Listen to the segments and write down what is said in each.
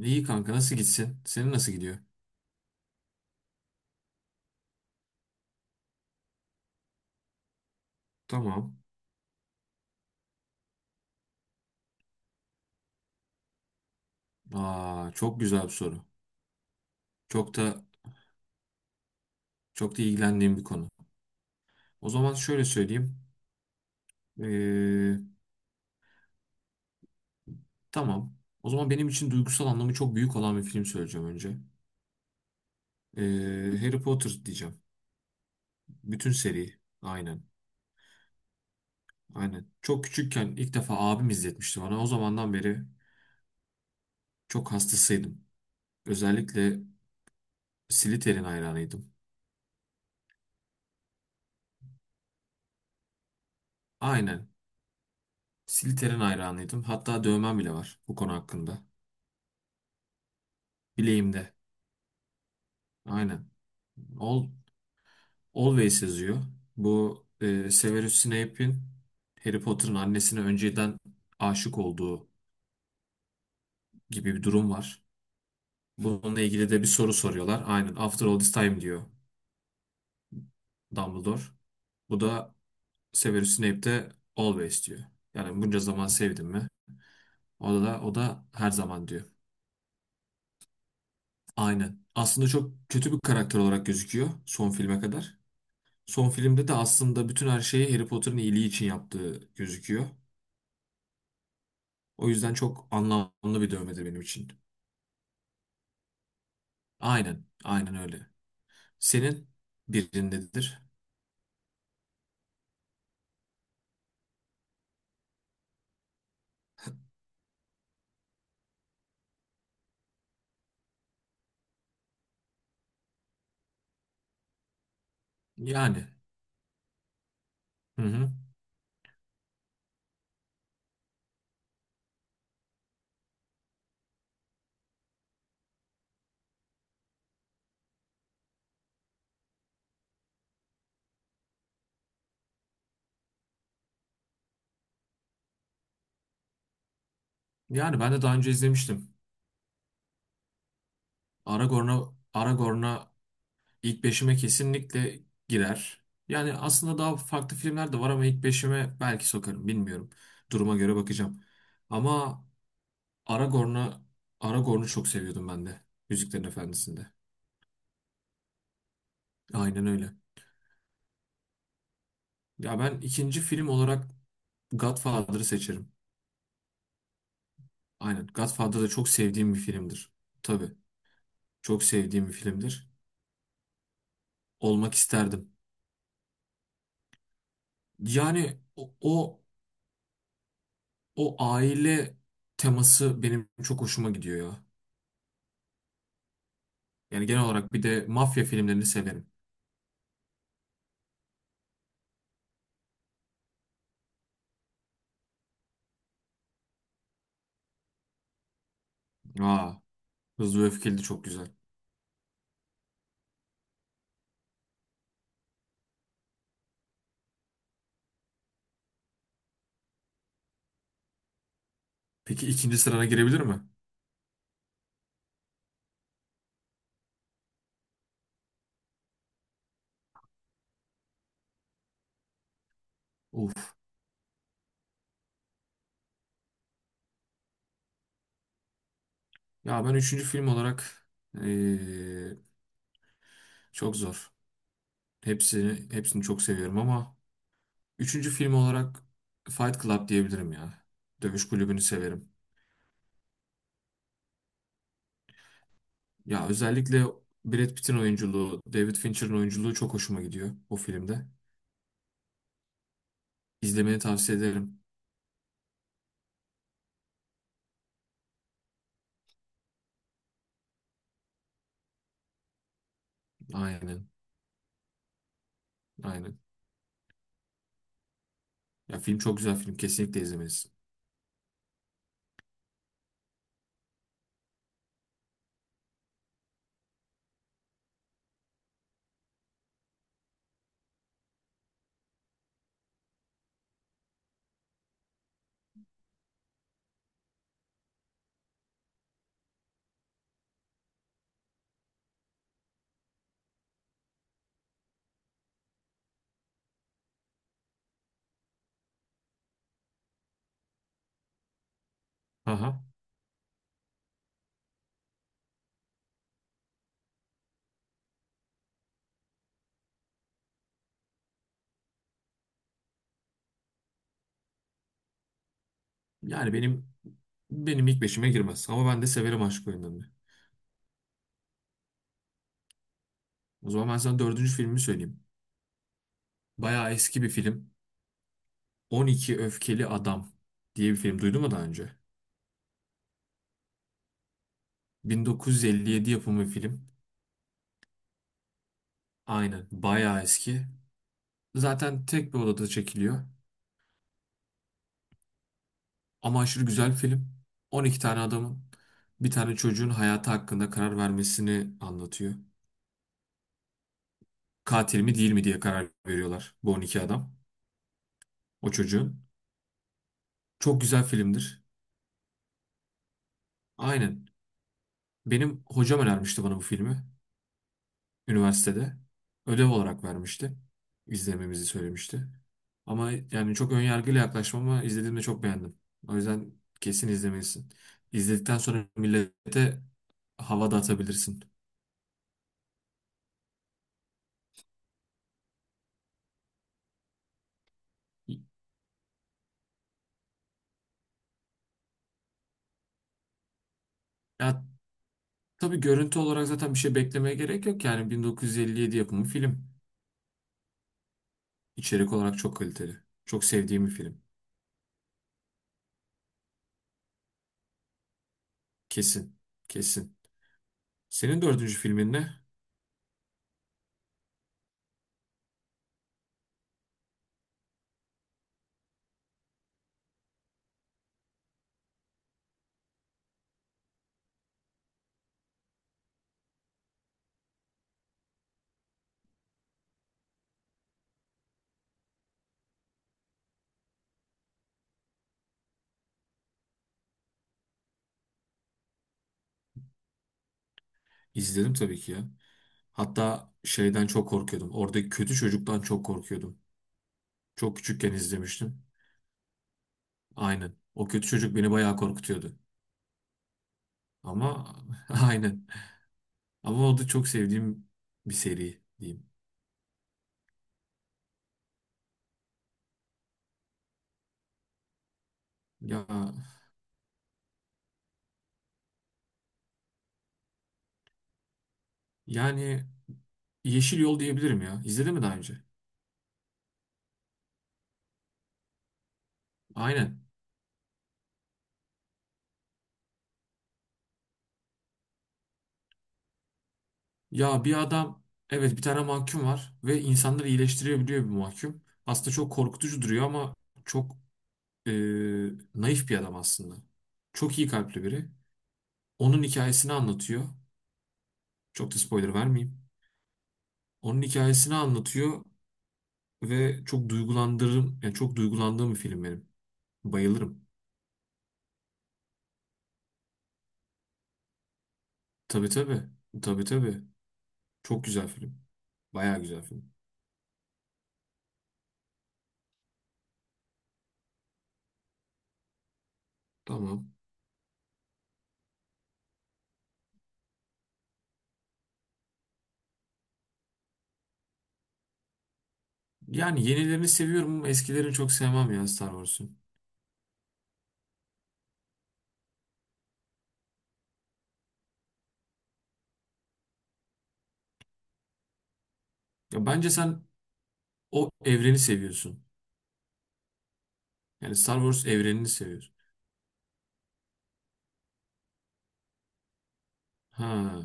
İyi kanka, nasıl gitsin? Senin nasıl gidiyor? Tamam. Aa, çok güzel bir soru. Çok da çok da ilgilendiğim bir konu. O zaman şöyle söyleyeyim. Ee, tamam. O zaman benim için duygusal anlamı çok büyük olan bir film söyleyeceğim önce. Harry Potter diyeceğim. Bütün seri. Aynen. Aynen. Çok küçükken ilk defa abim izletmişti bana. O zamandan beri çok hastasıydım. Özellikle Slytherin hayranıydım. Aynen. Slytherin hayranıydım. Hatta dövmem bile var bu konu hakkında. Bileğimde. Aynen. Al- Always yazıyor. Bu Severus Snape'in Harry Potter'ın annesine önceden aşık olduğu gibi bir durum var. Bununla ilgili de bir soru soruyorlar. Aynen. After all this time diyor Dumbledore. Bu da Severus Snape de always diyor. Yani bunca zaman sevdim mi? O da her zaman diyor. Aynen. Aslında çok kötü bir karakter olarak gözüküyor son filme kadar. Son filmde de aslında bütün her şeyi Harry Potter'ın iyiliği için yaptığı gözüküyor. O yüzden çok anlamlı bir dövmedir benim için. Aynen, aynen öyle. Senin birindedir. Yani, hı hı. Yani ben de daha önce izlemiştim. Aragorn'a Aragorn'a ilk beşime kesinlikle girer. Yani aslında daha farklı filmler de var ama ilk beşime belki sokarım, bilmiyorum. Duruma göre bakacağım. Ama Aragorn'a Aragorn'u çok seviyordum ben de Yüzüklerin Efendisi'nde. Aynen öyle. Ya ben ikinci film olarak Godfather'ı seçerim. Aynen. Godfather da çok sevdiğim bir filmdir. Tabii. Çok sevdiğim bir filmdir. Olmak isterdim. Yani o aile teması benim çok hoşuma gidiyor ya. Yani genel olarak bir de mafya filmlerini severim. Aa, Hızlı ve Öfkeli de çok güzel. Peki ikinci sırana girebilir mi? Uf. Ya ben üçüncü film olarak eee, çok zor. Hepsini çok seviyorum ama üçüncü film olarak Fight Club diyebilirim ya. Dövüş kulübünü severim. Ya özellikle Brad Pitt'in oyunculuğu, David Fincher'ın oyunculuğu çok hoşuma gidiyor o filmde. İzlemeni tavsiye ederim. Aynen, aynen. Ya film çok güzel film, kesinlikle izlemelisin. Aha. Yani benim ilk beşime girmez ama ben de severim aşk oyunlarını. O zaman ben sana dördüncü filmi söyleyeyim. Bayağı eski bir film. 12 Öfkeli Adam diye bir film duydun mu daha önce? 1957 yapımı bir film. Aynen, bayağı eski. Zaten tek bir odada çekiliyor. Ama aşırı güzel bir film. 12 tane adamın bir tane çocuğun hayatı hakkında karar vermesini anlatıyor. Katil mi değil mi diye karar veriyorlar bu 12 adam. O çocuğun. Çok güzel filmdir. Aynen. Benim hocam önermişti bana bu filmi. Üniversitede. Ödev olarak vermişti. İzlememizi söylemişti. Ama yani çok önyargıyla yaklaşmam ama izlediğimde çok beğendim. O yüzden kesin izlemelisin. İzledikten sonra millete hava da atabilirsin. Ya, tabii görüntü olarak zaten bir şey beklemeye gerek yok yani 1957 yapımı film. İçerik olarak çok kaliteli. Çok sevdiğim bir film. Kesin. Kesin. Senin dördüncü filmin ne? İzledim tabii ki ya. Hatta şeyden çok korkuyordum. Oradaki kötü çocuktan çok korkuyordum. Çok küçükken izlemiştim. Aynen. O kötü çocuk beni bayağı korkutuyordu. Ama aynen. Ama o da çok sevdiğim bir seri diyeyim. Ya yani Yeşil Yol diyebilirim ya. İzledin mi daha önce? Aynen. Ya bir adam, evet bir tane mahkum var ve insanları iyileştirebiliyor bir mahkum. Aslında çok korkutucu duruyor ama çok e, naif bir adam aslında. Çok iyi kalpli biri. Onun hikayesini anlatıyor. Çok da spoiler vermeyeyim. Onun hikayesini anlatıyor ve çok duygulandırırım. Yani çok duygulandığım bir film benim. Bayılırım. Tabii tabii. Tabii tabii. Çok güzel film. Bayağı güzel film. Tamam. Yani yenilerini seviyorum ama eskilerini çok sevmem ya Star Wars'un. Ya bence sen o evreni seviyorsun. Yani Star Wars evrenini seviyorsun. Ha.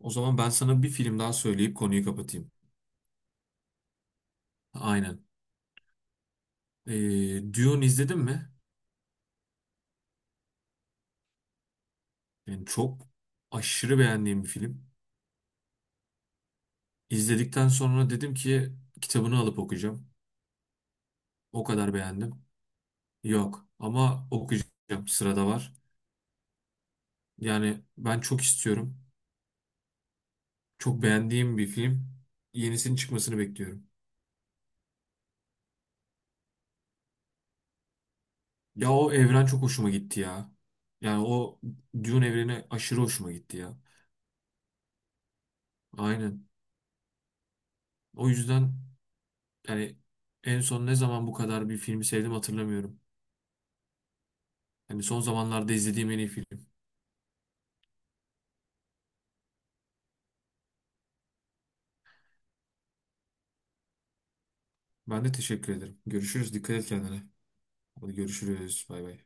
O zaman ben sana bir film daha söyleyip konuyu kapatayım. Aynen. Dune izledin mi? Yani çok aşırı beğendiğim bir film. İzledikten sonra dedim ki kitabını alıp okuyacağım. O kadar beğendim. Yok ama okuyacağım. Sırada var. Yani ben çok istiyorum. Çok beğendiğim bir film. Yenisinin çıkmasını bekliyorum. Ya o evren çok hoşuma gitti ya. Yani o Dune evreni aşırı hoşuma gitti ya. Aynen. O yüzden yani en son ne zaman bu kadar bir filmi sevdim hatırlamıyorum. Hani son zamanlarda izlediğim en iyi film. Ben de teşekkür ederim. Görüşürüz. Dikkat et kendine. Hadi görüşürüz. Bay bay.